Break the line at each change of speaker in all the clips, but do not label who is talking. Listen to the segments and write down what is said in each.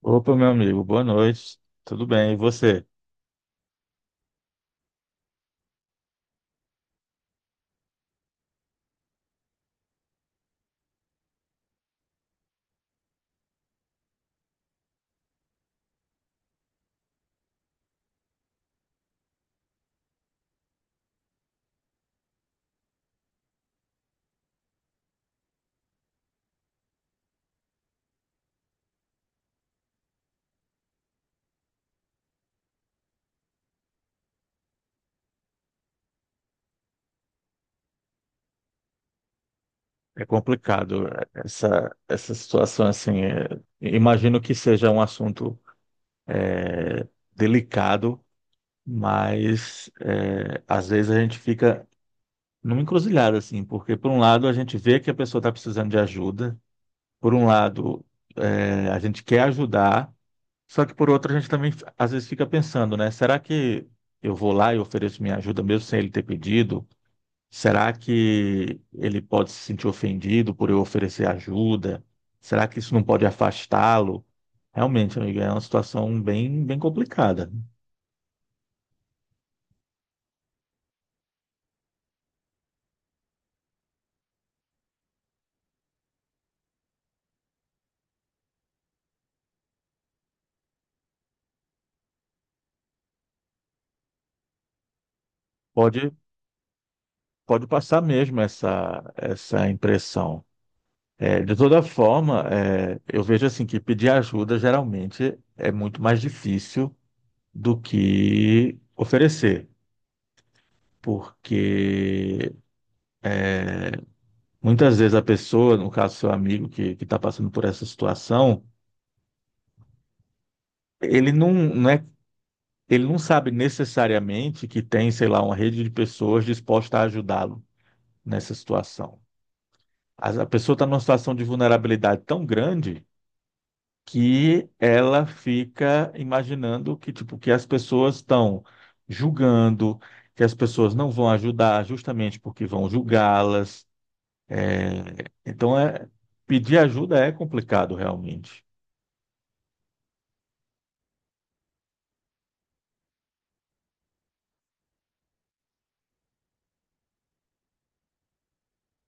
Opa, meu amigo, boa noite. Tudo bem? E você? É complicado essa situação assim. Imagino que seja um assunto delicado, mas às vezes a gente fica numa encruzilhada assim, porque por um lado a gente vê que a pessoa está precisando de ajuda, por um lado a gente quer ajudar, só que por outro a gente também às vezes fica pensando, né? Será que eu vou lá e ofereço minha ajuda mesmo sem ele ter pedido? Será que ele pode se sentir ofendido por eu oferecer ajuda? Será que isso não pode afastá-lo? Realmente, amigo, é uma situação bem, bem complicada. Pode, pode passar mesmo essa, essa impressão. É, de toda forma, é, eu vejo assim que pedir ajuda geralmente é muito mais difícil do que oferecer, porque muitas vezes a pessoa, no caso seu amigo que está passando por essa situação, ele não é ele não sabe necessariamente que tem, sei lá, uma rede de pessoas dispostas a ajudá-lo nessa situação. A pessoa está numa situação de vulnerabilidade tão grande que ela fica imaginando que, tipo, que as pessoas estão julgando, que as pessoas não vão ajudar justamente porque vão julgá-las. É, então, é... pedir ajuda é complicado realmente.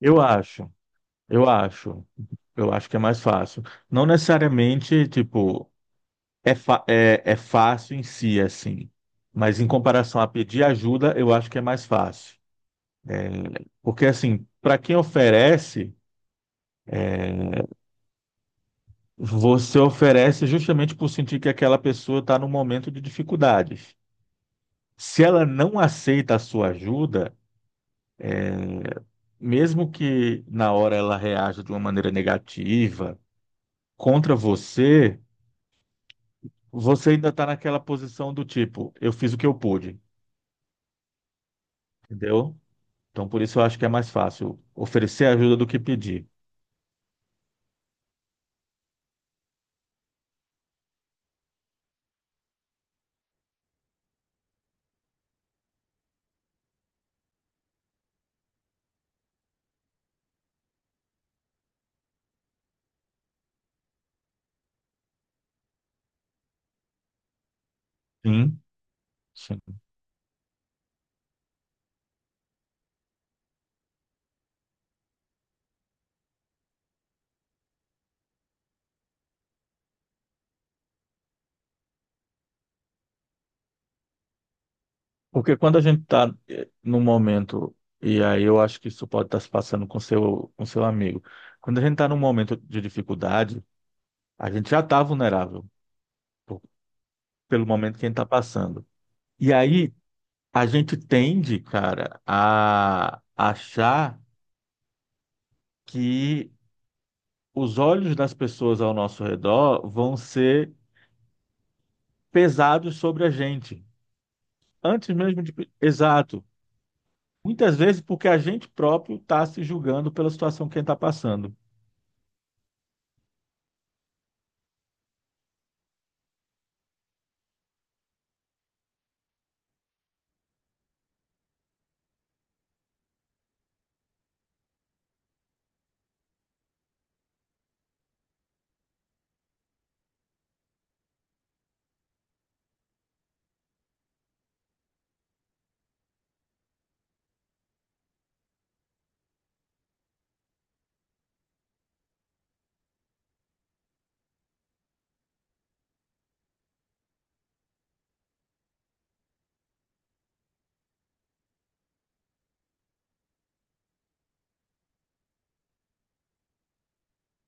Eu acho, eu acho, eu acho que é mais fácil. Não necessariamente, tipo, é, é, é fácil em si, assim, mas em comparação a pedir ajuda, eu acho que é mais fácil. Porque, assim, para quem oferece, você oferece justamente por sentir que aquela pessoa está num momento de dificuldades. Se ela não aceita a sua ajuda, mesmo que na hora ela reaja de uma maneira negativa contra você, você ainda está naquela posição do tipo, eu fiz o que eu pude, entendeu? Então, por isso eu acho que é mais fácil oferecer ajuda do que pedir. Sim. Sim. Porque quando a gente está num momento, e aí eu acho que isso pode estar se passando com seu amigo, quando a gente está num momento de dificuldade, a gente já está vulnerável por- pelo momento que a gente está passando. E aí a gente tende, cara, a achar que os olhos das pessoas ao nosso redor vão ser pesados sobre a gente, antes mesmo de... Exato. Muitas vezes porque a gente próprio está se julgando pela situação que a gente está passando.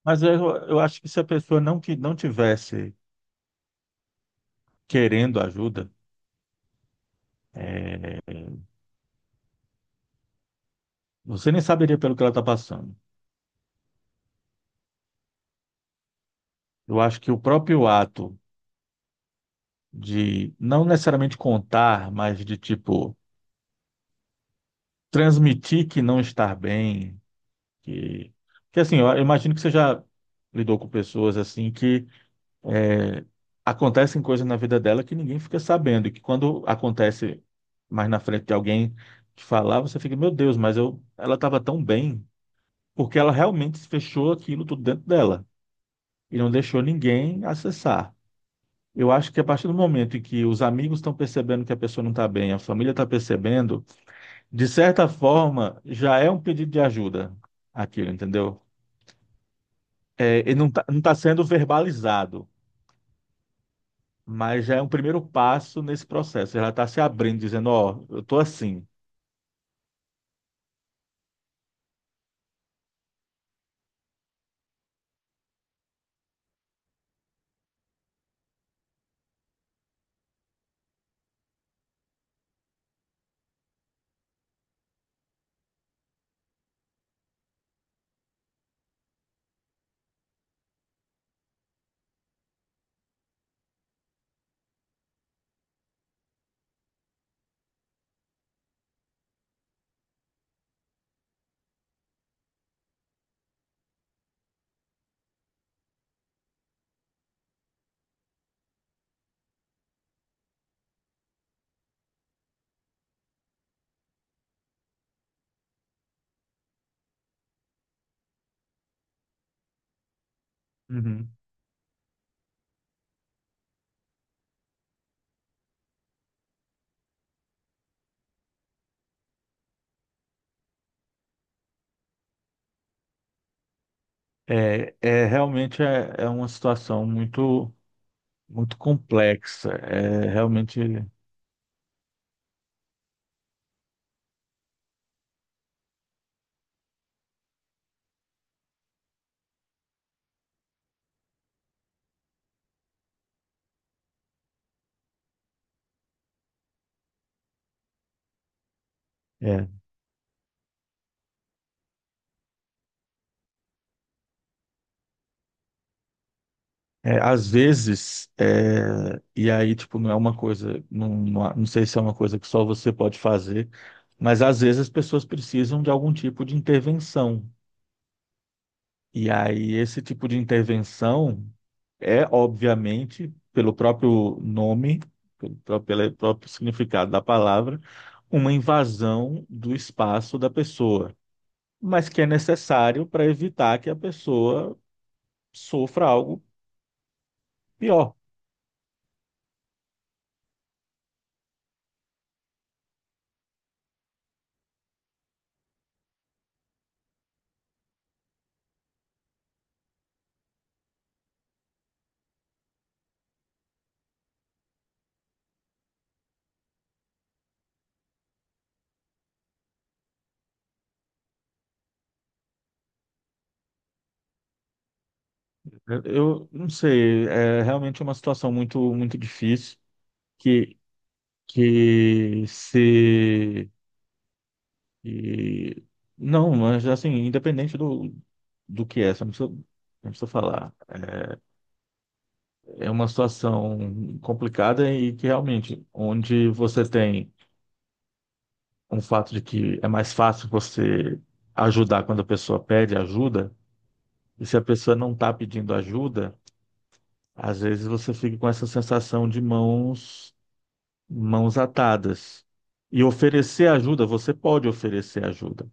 Mas eu, eu acho que se a pessoa não, não tivesse querendo ajuda, é, você nem saberia pelo que ela está passando. Eu acho que o próprio ato de não necessariamente contar, mas de tipo transmitir que não está bem, que, que assim, eu imagino que você já lidou com pessoas assim que é, acontecem coisas na vida dela que ninguém fica sabendo, e que quando acontece mais na frente de alguém te falar, você fica, meu Deus, mas eu, ela estava tão bem. Porque ela realmente fechou aquilo tudo dentro dela e não deixou ninguém acessar. Eu acho que a partir do momento em que os amigos estão percebendo que a pessoa não está bem, a família está percebendo, de certa forma, já é um pedido de ajuda aquilo, entendeu? É, ele não está não tá sendo verbalizado, mas já é um primeiro passo nesse processo. Ela está se abrindo, dizendo, ó, eu estou assim. Uhum. É, é, realmente é, é uma situação muito, muito complexa. É realmente... é. É, às vezes, é, e aí, tipo, não é uma coisa, não, não, não sei se é uma coisa que só você pode fazer, mas às vezes as pessoas precisam de algum tipo de intervenção. E aí, esse tipo de intervenção é, obviamente, pelo próprio nome, pelo próprio significado da palavra, uma invasão do espaço da pessoa, mas que é necessário para evitar que a pessoa sofra algo pior. Eu não sei, é realmente uma situação muito, muito difícil que, que se... e- não, mas assim, independente do, do que é, você não precisa, não precisa falar. É uma situação complicada e que realmente, onde você tem um fato de que é mais fácil você ajudar quando a pessoa pede ajuda, e se a pessoa não está pedindo ajuda, às vezes você fica com essa sensação de mãos atadas. E oferecer ajuda, você pode oferecer ajuda.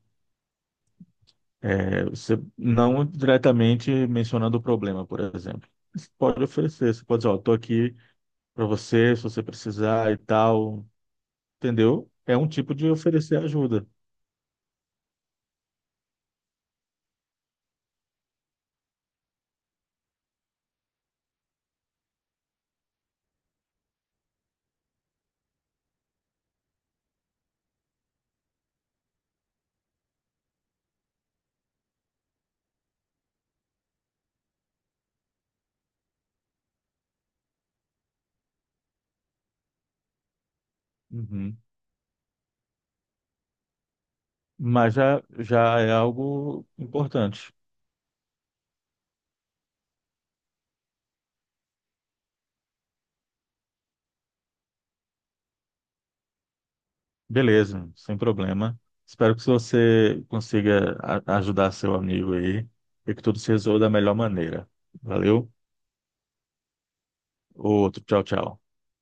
É, você não diretamente mencionando o problema, por exemplo. Você pode oferecer, você pode dizer, ó, tô aqui para você, se você precisar e tal, entendeu? É um tipo de oferecer ajuda. Uhum. Mas já, já é algo importante. Beleza, sem problema. Espero que você consiga ajudar seu amigo aí e que tudo se resolva da melhor maneira. Valeu? Outro, tchau, tchau.